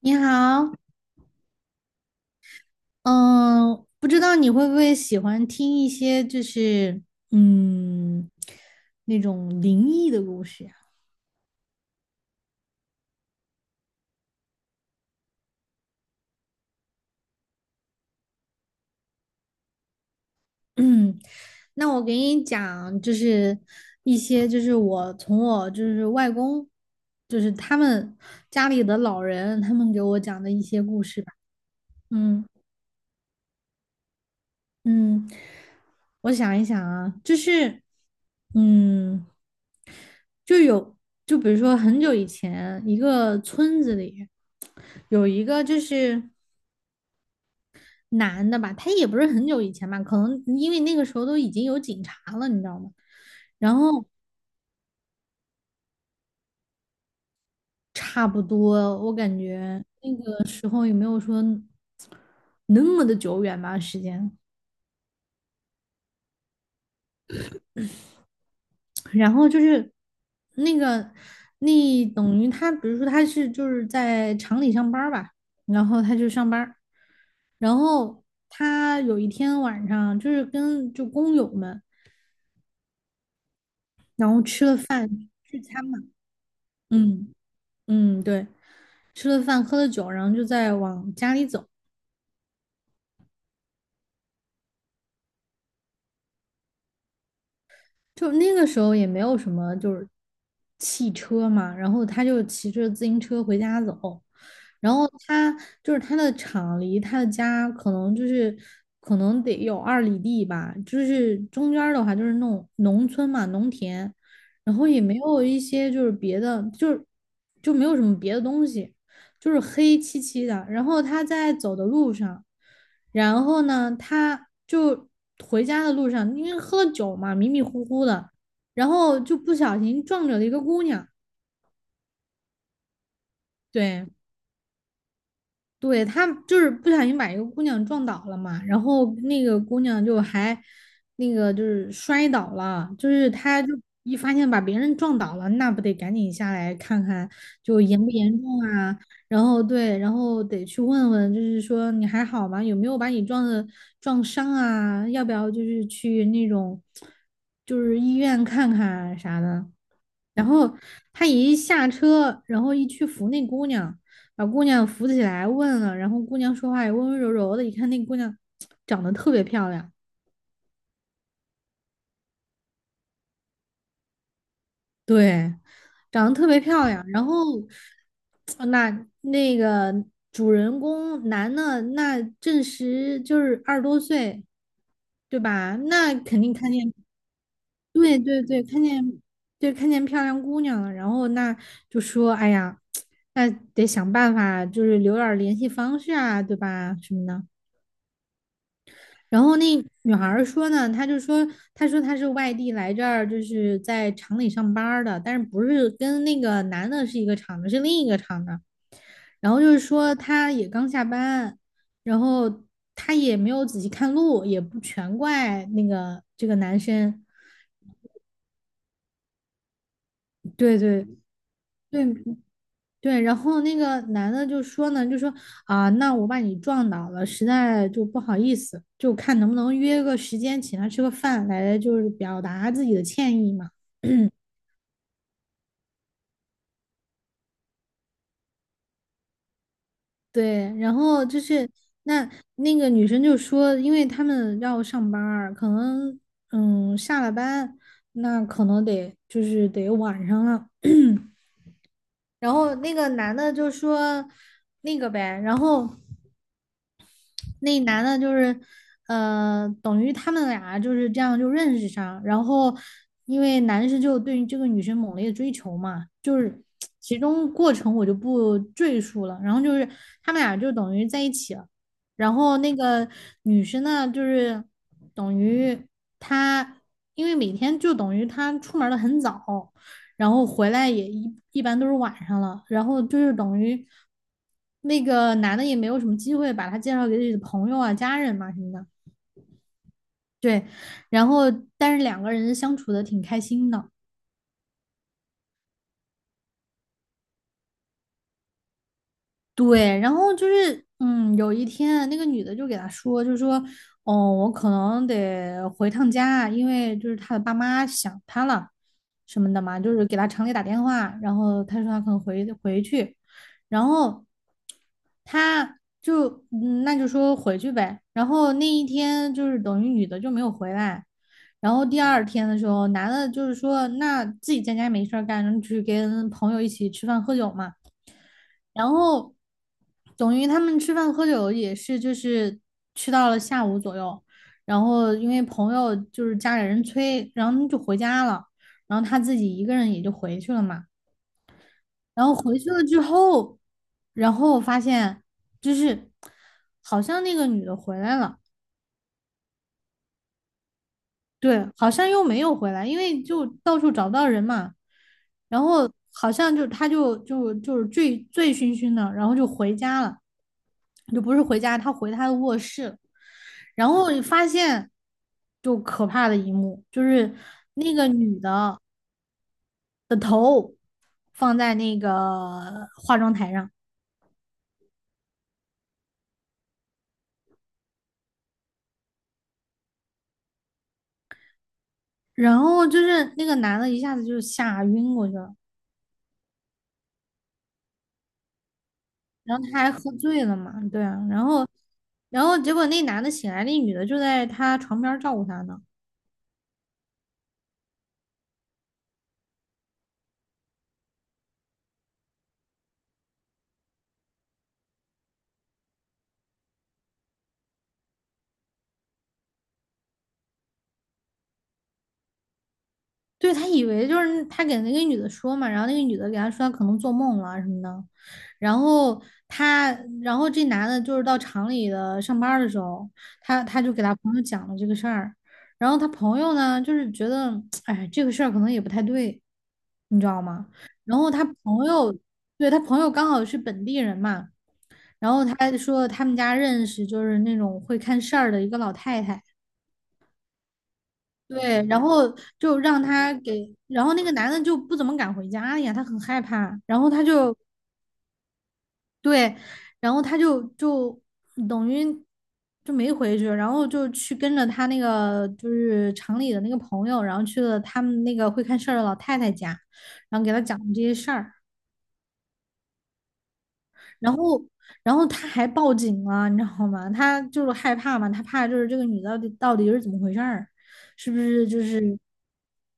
你好，嗯，不知道你会不会喜欢听一些就是嗯那种灵异的故事呀？嗯，那我给你讲，就是一些就是我从我就是外公，就是他们家里的老人，他们给我讲的一些故事吧。嗯嗯，我想一想啊，嗯。就有，就比如说很久以前，一个村子里有一个就是男的吧，他也不是很久以前吧，可能因为那个时候都已经有警察了，你知道吗？然后差不多，我感觉的时候也没有说那么的久远吧，时间。然后就是那个，那等于他，比如说他是就是在厂里上班儿吧，然后他就上班儿，然后他有一天晚上就是跟就工友们聚餐嘛。嗯嗯，对，吃了饭喝了酒，然后就在往家里走，就那个时候也没有什么就是汽车嘛，然后他就骑着自行车回家走，然后他就是他的厂离他的家可能就是可能得有2里地吧，就是中间儿的话就是那种农村嘛，农田，然后也没有一些就是别的，就是就没有什么别的东西，就是黑漆漆的，然后他在走的路上。然后呢，他就回家的路上，因为喝了酒嘛，迷迷糊糊的，然后就不小心撞着了一个姑娘。对，对，他就是不小心把一个姑娘撞倒了嘛，然后那个姑娘就还那个就是摔倒了，就是他就一发现把别人撞倒了，那不得赶紧下来看看就严不严重啊？然后对，然后得去问问，就是说你还好吗？有没有把你撞的撞伤啊？要不要就是去那种就是医院看看啊啥的？然后他一下车，然后一去扶那姑娘，把姑娘扶起来问了，然后姑娘说话也温温柔柔的，一看那姑娘长得特别漂亮，对，长得特别漂亮。然后，那个主人公男的，那正值就是20多岁，对吧？那肯定看见，对对对，看见，对看见漂亮姑娘了，然后那就说，哎呀，那得想办法，就是留点儿联系方式啊，对吧？什么的。然后那女孩儿说呢，她就说，她说她是外地来这儿，就是在厂里上班儿的，但是不是跟那个男的是一个厂的，是另一个厂的。然后就是说，她也刚下班，然后她也没有仔细看路，也不全怪那个这个男生。对对对，对，然后那个男的就说呢，就说啊，那我把你撞倒了，实在就不好意思，就看能不能约个时间请他吃个饭，来就是表达自己的歉意嘛。对，然后就是那那个女生就说，因为他们要上班儿可能下了班，那可能得就是得晚上了。然后那个男的就说那个呗，然后。那男的就是，等于他们俩就是这样就认识上，然后因为男生就对于这个女生猛烈的追求嘛，就是其中过程我就不赘述了，然后就是他们俩就等于在一起了，然后那个女生呢，就是等于她，因为每天就等于她出门的很早。然后回来也一般都是晚上了，然后就是等于那个男的也没有什么机会把她介绍给自己的朋友啊、家人嘛什么的。对，然后但是两个人相处的挺开心的。对，然后就是，嗯，有一天那个女的就给他说，就说，哦，我可能得回趟家，因为就是他的爸妈想他了，什么的嘛，就是给他厂里打电话，然后他说他可能回去，然后他就，那就说回去呗，然后那一天就是等于女的就没有回来，然后第二天的时候，男的就是说，那自己在家没事儿干，然后去跟朋友一起吃饭喝酒嘛。然后等于他们吃饭喝酒也是就是吃到了下午左右，然后因为朋友就是家里人催，然后他们就回家了，然后他自己一个人也就回去了嘛。然后回去了之后，然后我发现就是好像那个女的回来了。对，好像又没有回来，因为就到处找不到人嘛，然后好像就他就是醉醉醺醺的，然后就回家了，就不是回家，他回他的卧室了，然后你发现就可怕的一幕，就是那个女的的头放在那个化妆台上，然后就是那个男的一下子就吓晕过去了，然后他还喝醉了嘛，对啊，然后。然后结果那男的醒来，那女的就在他床边照顾他呢。对，他以为就是他给那个女的说嘛，然后那个女的给他说他可能做梦了什么的。然后他，然后这男的就是到厂里的上班的时候，他就给他朋友讲了这个事儿。然后他朋友呢，就是觉得，哎，这个事儿可能也不太对，你知道吗？然后他朋友，对，他朋友刚好是本地人嘛，然后他说他们家认识就是那种会看事儿的一个老太太。对，然后就让他给，然后那个男的就不怎么敢回家了呀，他很害怕，然后他就对，然后他就等于就没回去，然后就去跟着他那个就是厂里的那个朋友，然后去了他们那个会看事儿的老太太家，然后给他讲这些事儿，然后，然后他还报警了，你知道吗？他就是害怕嘛，他怕就是这个女的到底到底是怎么回事儿，是不是就是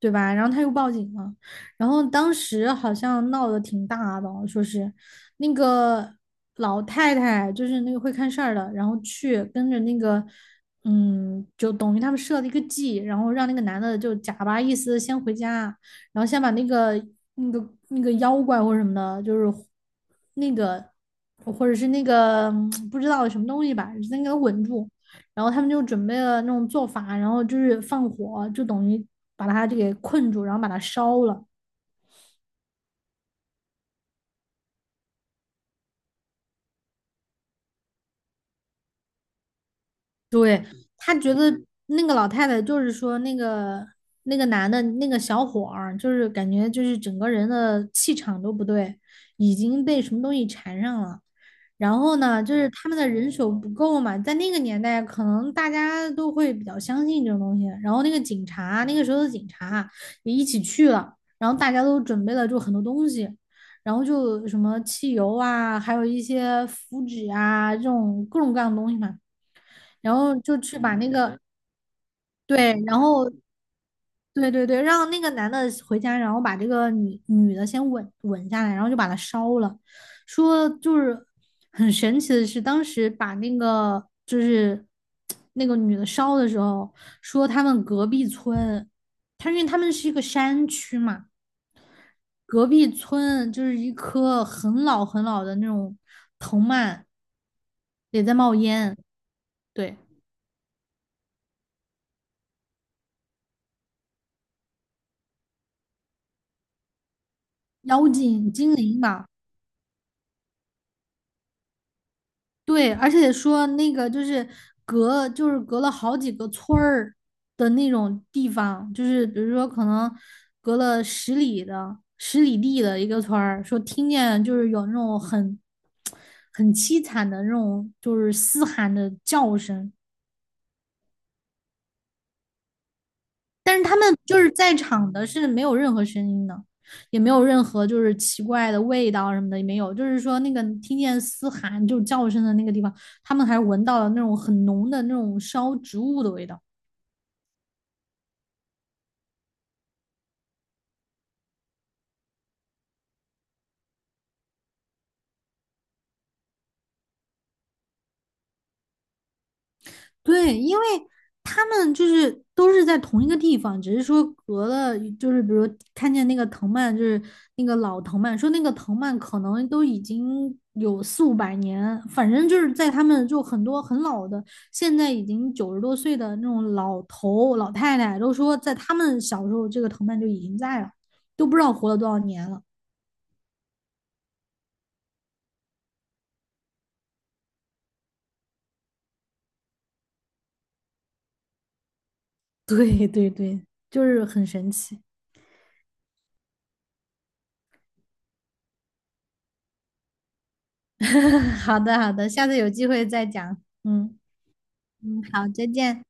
对吧？然后他又报警了，然后当时好像闹得挺大的，说是那个老太太就是那个会看事儿的，然后去跟着那个。就等于他们设了一个计，然后让那个男的就假巴意思先回家，然后先把那个妖怪或者什么的，就是那个或者是那个不知道什么东西吧，先给它稳住。然后他们就准备了那种做法，然后就是放火，就等于把它就给困住，然后把它烧了。对，他觉得那个老太太就是说那个那个男的那个小伙儿，就是感觉就是整个人的气场都不对，已经被什么东西缠上了。然后呢，就是他们的人手不够嘛，在那个年代，可能大家都会比较相信这种东西。然后那个警察，那个时候的警察也一起去了，然后大家都准备了就很多东西，然后就什么汽油啊，还有一些符纸啊，这种各种各样的东西嘛。然后就去把那个，对，然后对对对，让那个男的回家，然后把这个女的先稳稳下来，然后就把她烧了。说就是很神奇的是，当时把那个就是那个女的烧的时候，说他们隔壁村，他因为他们是一个山区嘛，隔壁村就是一棵很老很老的那种藤蔓也在冒烟，对，妖精精灵吧。对，而且说那个就是隔，就是隔了好几个村儿的那种地方，就是比如说可能隔了十里的10里地的一个村儿，说听见就是有那种很很凄惨的那种就是嘶喊的叫声，但是他们就是在场的是没有任何声音的，也没有任何就是奇怪的味道什么的也没有，就是说那个听见嘶喊就是叫声的那个地方，他们还闻到了那种很浓的那种烧植物的味道。对，因为他们就是都是在同一个地方，只是说隔了，就是比如看见那个藤蔓，就是那个老藤蔓，说那个藤蔓可能都已经有四五百年，反正就是在他们就很多很老的，现在已经90多岁的那种老头老太太都说，在他们小时候这个藤蔓就已经在了，都不知道活了多少年了。对对对，就是很神奇。好的好的，下次有机会再讲。嗯嗯，好，再见。